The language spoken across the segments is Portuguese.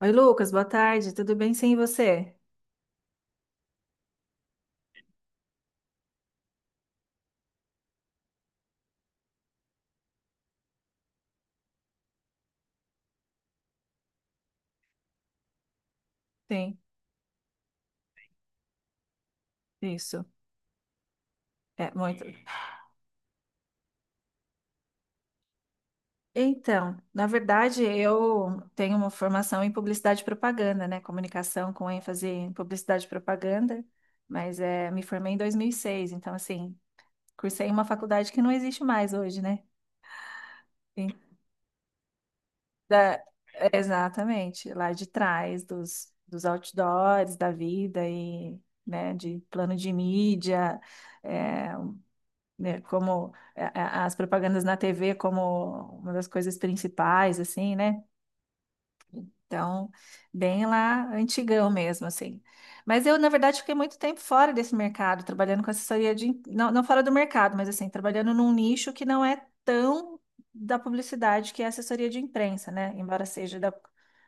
Oi, Lucas, boa tarde, tudo bem? Sim, e você? Sim, isso. É, muito. Então, na verdade, eu tenho uma formação em publicidade e propaganda, né? Comunicação com ênfase em publicidade e propaganda, mas é, me formei em 2006, então, assim, cursei em uma faculdade que não existe mais hoje, né? Sim. Da- É, exatamente, lá de trás dos outdoors da vida e, né, de plano de mídia. eh, né, como as propagandas na TV como uma das coisas principais, assim, né? Então, bem lá antigão mesmo, assim. Mas eu, na verdade, fiquei muito tempo fora desse mercado, trabalhando com assessoria de... Não, não fora do mercado, mas assim, trabalhando num nicho que não é tão da publicidade, que é assessoria de imprensa, né? Embora seja da,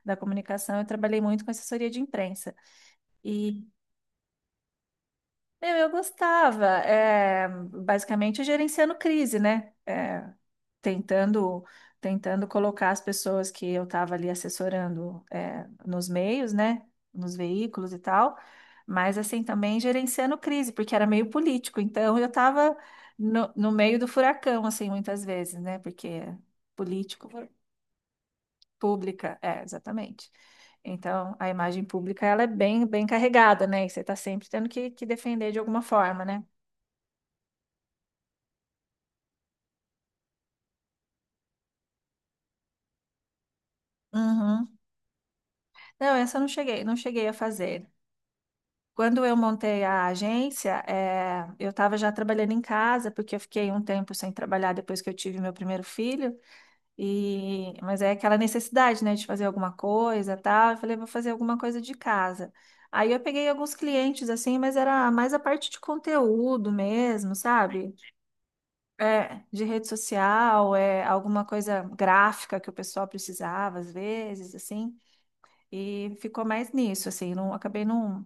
da comunicação, eu trabalhei muito com assessoria de imprensa. E, meu, eu gostava, é, basicamente, gerenciando crise, né? Tentando, colocar as pessoas que eu estava ali assessorando é, nos meios, né, nos veículos e tal, mas assim também gerenciando crise, porque era meio político, então eu estava no meio do furacão, assim, muitas vezes, né, porque político, pública, é, exatamente. Então, a imagem pública, ela é bem, bem carregada, né? E você está sempre tendo que defender de alguma forma, né? Uhum. Não, essa eu não cheguei, não cheguei a fazer. Quando eu montei a agência, eu estava já trabalhando em casa, porque eu fiquei um tempo sem trabalhar depois que eu tive meu primeiro filho. E... Mas é aquela necessidade, né, de fazer alguma coisa, e tal. Eu falei, vou fazer alguma coisa de casa. Aí eu peguei alguns clientes, assim, mas era mais a parte de conteúdo mesmo, sabe? É, de rede social, é, alguma coisa gráfica que o pessoal precisava, às vezes, assim. E ficou mais nisso, assim, não, acabei não,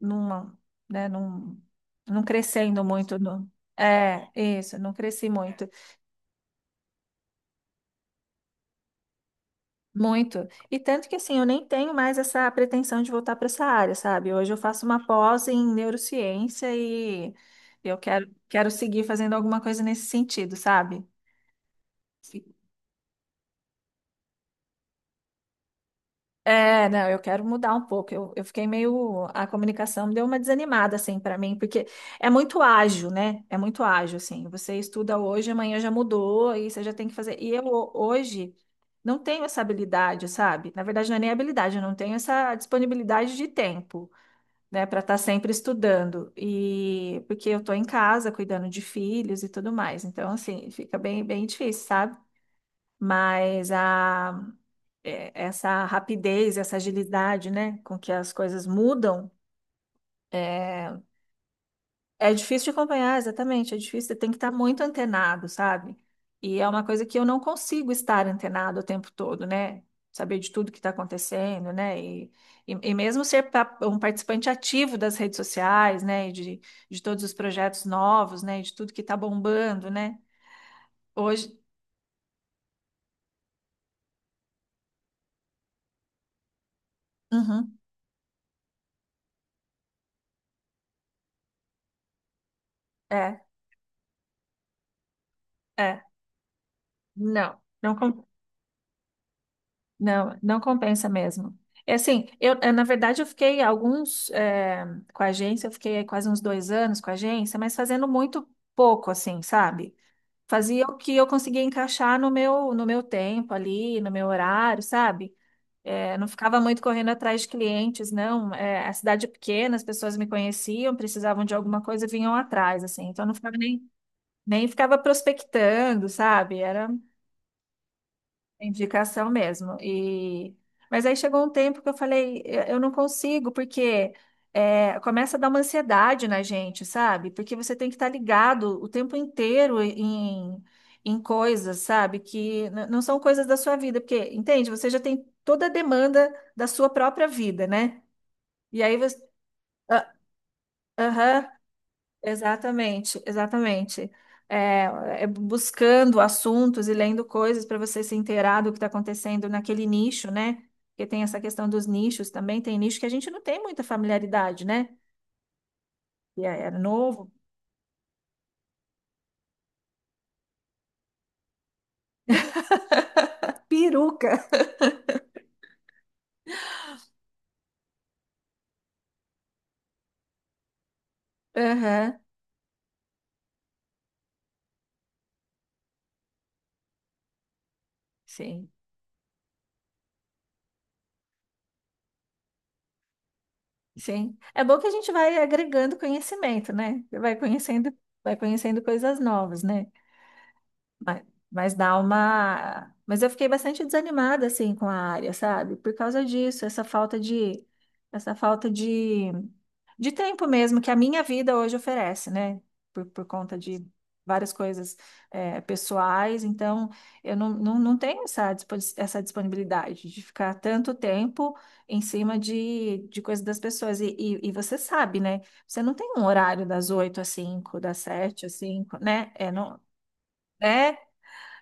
numa, né, não, não crescendo muito no, é, isso, não cresci muito, muito. E tanto que, assim, eu nem tenho mais essa pretensão de voltar para essa área, sabe? Hoje eu faço uma pós em neurociência e eu quero, quero seguir fazendo alguma coisa nesse sentido, sabe? É, não, eu quero mudar um pouco. Eu fiquei meio. A comunicação deu uma desanimada, assim, para mim, porque é muito ágil, né? É muito ágil, assim. Você estuda hoje, amanhã já mudou, e você já tem que fazer. E eu hoje não tenho essa habilidade, sabe? Na verdade, não é nem habilidade, eu não tenho essa disponibilidade de tempo, né, para estar sempre estudando. E porque eu tô em casa cuidando de filhos e tudo mais. Então, assim, fica bem, bem difícil, sabe? Mas a é, essa rapidez, essa agilidade, né, com que as coisas mudam, é, é difícil de acompanhar, exatamente, é difícil, você tem que estar muito antenado, sabe? E é uma coisa que eu não consigo estar antenado o tempo todo, né? Saber de tudo que está acontecendo, né? E mesmo ser um participante ativo das redes sociais, né? E de todos os projetos novos, né? E de tudo que está bombando, né? Hoje, uhum, é, é, não, não. Não, não compensa mesmo. É assim, eu, na verdade, eu fiquei alguns, com a agência, eu fiquei aí quase uns dois anos com a agência, mas fazendo muito pouco, assim, sabe? Fazia o que eu conseguia encaixar no meu, no meu tempo ali, no meu horário, sabe? Não ficava muito correndo atrás de clientes, não. A cidade é pequena, as pessoas me conheciam, precisavam de alguma coisa, vinham atrás, assim. Então, não ficava nem, nem ficava prospectando, sabe? Era indicação mesmo. E mas aí chegou um tempo que eu falei, eu não consigo, porque é, começa a dar uma ansiedade na gente, sabe? Porque você tem que estar ligado o tempo inteiro em, em coisas, sabe? Que não são coisas da sua vida, porque, entende? Você já tem toda a demanda da sua própria vida, né? E aí você. Ah, aham, exatamente, exatamente. É, é buscando assuntos e lendo coisas para você se inteirar do que está acontecendo naquele nicho, né? Porque tem essa questão dos nichos também, tem nicho que a gente não tem muita familiaridade, né? E é, é novo. Peruca. Aham, sim, sim. É bom que a gente vai agregando conhecimento, né? Vai conhecendo coisas novas, né? Mas, mas dá uma. Mas eu fiquei bastante desanimada assim com a área, sabe? Por causa disso, essa falta de, essa falta de tempo mesmo que a minha vida hoje oferece, né? Por conta de várias coisas é, pessoais, então eu não, não, não tenho essa, essa disponibilidade de ficar tanto tempo em cima de coisas das pessoas. E você sabe, né? Você não tem um horário das 8 às 5, das 7 às 5, né? É, não, né?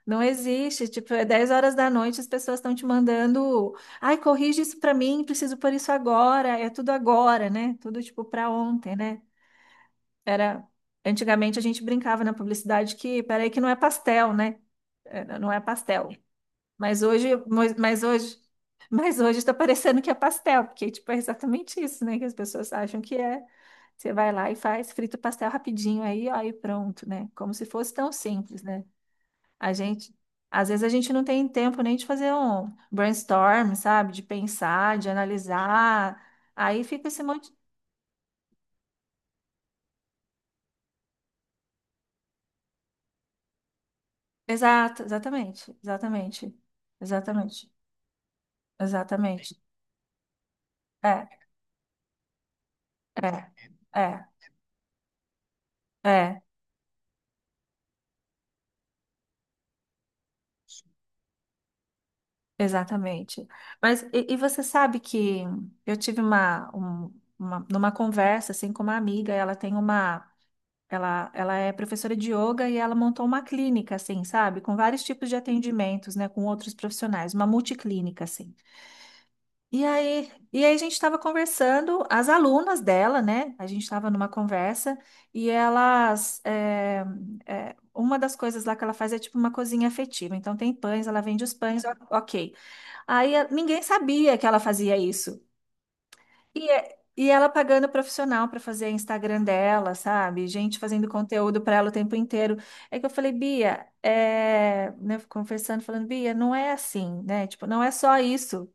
Não existe, tipo, é 10 horas da noite, as pessoas estão te mandando, ai, corrige isso pra mim, preciso por isso agora, é tudo agora, né? Tudo tipo pra ontem, né? Era, antigamente a gente brincava na publicidade que, peraí, que não é pastel, né? É, não é pastel. Mas hoje, mas hoje, mas hoje tá parecendo que é pastel, porque tipo é exatamente isso, né? Que as pessoas acham que é. Você vai lá e faz, frita o pastel rapidinho aí, ó, e pronto, né? Como se fosse tão simples, né? A gente, às vezes a gente não tem tempo nem de fazer um brainstorm, sabe? De pensar, de analisar. Aí fica esse monte. Exato, exatamente, exatamente, exatamente, exatamente. É, é, é, é, exatamente. Mas e você sabe que eu tive uma, uma, numa conversa assim com uma amiga, ela tem uma. Ela é professora de yoga e ela montou uma clínica, assim, sabe? Com vários tipos de atendimentos, né? Com outros profissionais, uma multiclínica, assim. E aí a gente estava conversando, as alunas dela, né? A gente estava numa conversa e elas. É, é, uma das coisas lá que ela faz é tipo uma cozinha afetiva. Então tem pães, ela vende os pães, ok. Aí ninguém sabia que ela fazia isso. E, e ela pagando profissional para fazer Instagram dela, sabe? Gente fazendo conteúdo para ela o tempo inteiro. É que eu falei, Bia, é... né, conversando, falando, Bia, não é assim, né? Tipo, não é só isso.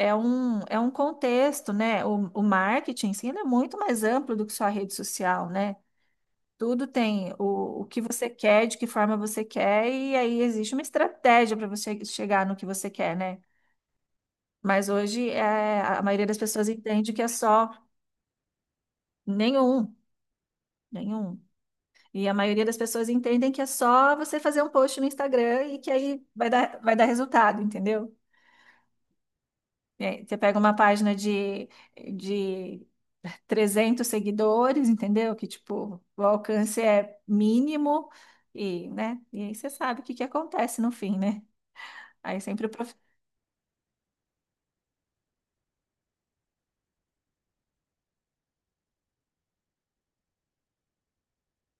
É um contexto, né? O marketing, sim, ele é muito mais amplo do que só a rede social, né? Tudo tem o que você quer, de que forma você quer, e aí existe uma estratégia para você chegar no que você quer, né? Mas hoje é, a maioria das pessoas entende que é só nenhum. Nenhum. E a maioria das pessoas entendem que é só você fazer um post no Instagram e que aí vai dar resultado, entendeu? É, você pega uma página de 300 seguidores, entendeu? Que, tipo, o alcance é mínimo e, né? E aí você sabe o que que acontece no fim, né? Aí sempre o prof...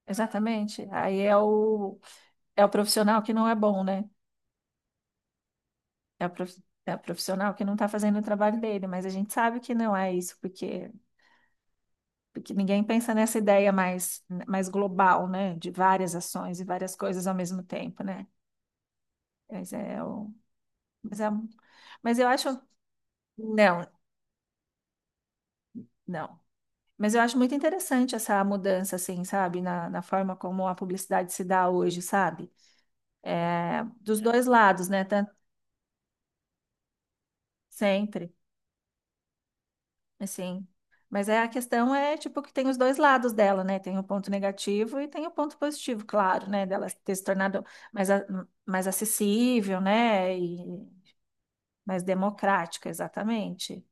Exatamente. Aí é o, é o profissional que não é bom, né? É o é o profissional que não tá fazendo o trabalho dele, mas a gente sabe que não é isso, porque ninguém pensa nessa ideia mais, mais global, né? De várias ações e várias coisas ao mesmo tempo, né? Mas é o, mas é, um, mas eu acho, não, não. Mas eu acho muito interessante essa mudança, assim, sabe? Na, na forma como a publicidade se dá hoje, sabe? É, dos dois lados, né? Tanto, sempre. Assim. Mas é a questão é tipo que tem os dois lados dela, né? Tem o ponto negativo e tem o ponto positivo, claro, né? Dela ter se tornado mais, mais acessível, né? E mais democrática, exatamente.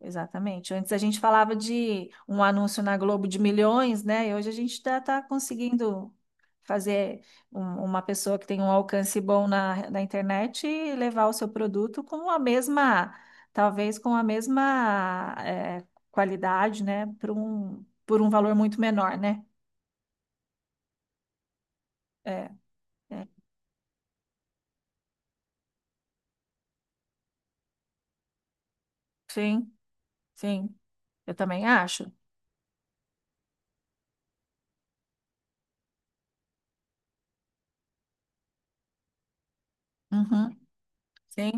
Exatamente. Antes a gente falava de um anúncio na Globo de milhões, né? E hoje a gente está conseguindo fazer uma pessoa que tem um alcance bom na, na internet e levar o seu produto com a mesma, talvez com a mesma é, qualidade, né? Por um valor muito menor, né? É, é. Sim, sim. Eu também acho. Uhum. Sim.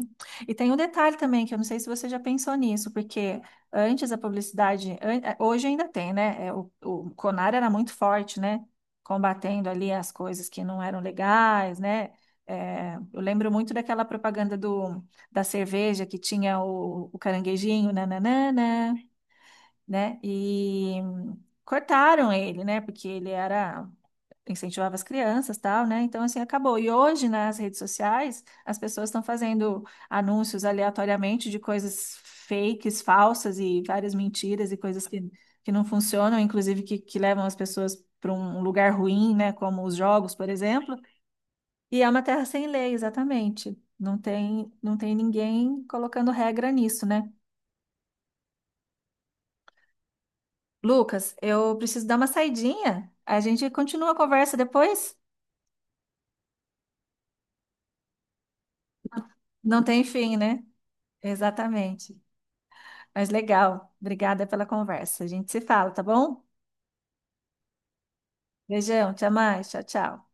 E tem um detalhe também, que eu não sei se você já pensou nisso, porque antes a publicidade, hoje ainda tem, né? É, o Conar era muito forte, né? Combatendo ali as coisas que não eram legais, né? Eu lembro muito daquela propaganda do, da cerveja que tinha o caranguejinho, nananana, né? E cortaram ele, né? Porque ele era incentivava as crianças, tal, né? Então, assim, acabou. E hoje, nas redes sociais, as pessoas estão fazendo anúncios aleatoriamente de coisas fakes, falsas e várias mentiras e coisas que não funcionam, inclusive que levam as pessoas para um lugar ruim, né? Como os jogos, por exemplo. E é uma terra sem lei, exatamente. Não tem, não tem ninguém colocando regra nisso, né? Lucas, eu preciso dar uma saidinha. A gente continua a conversa depois? Não tem fim, né? Exatamente. Mas legal. Obrigada pela conversa. A gente se fala, tá bom? Beijão, até mais. Tchau, tchau.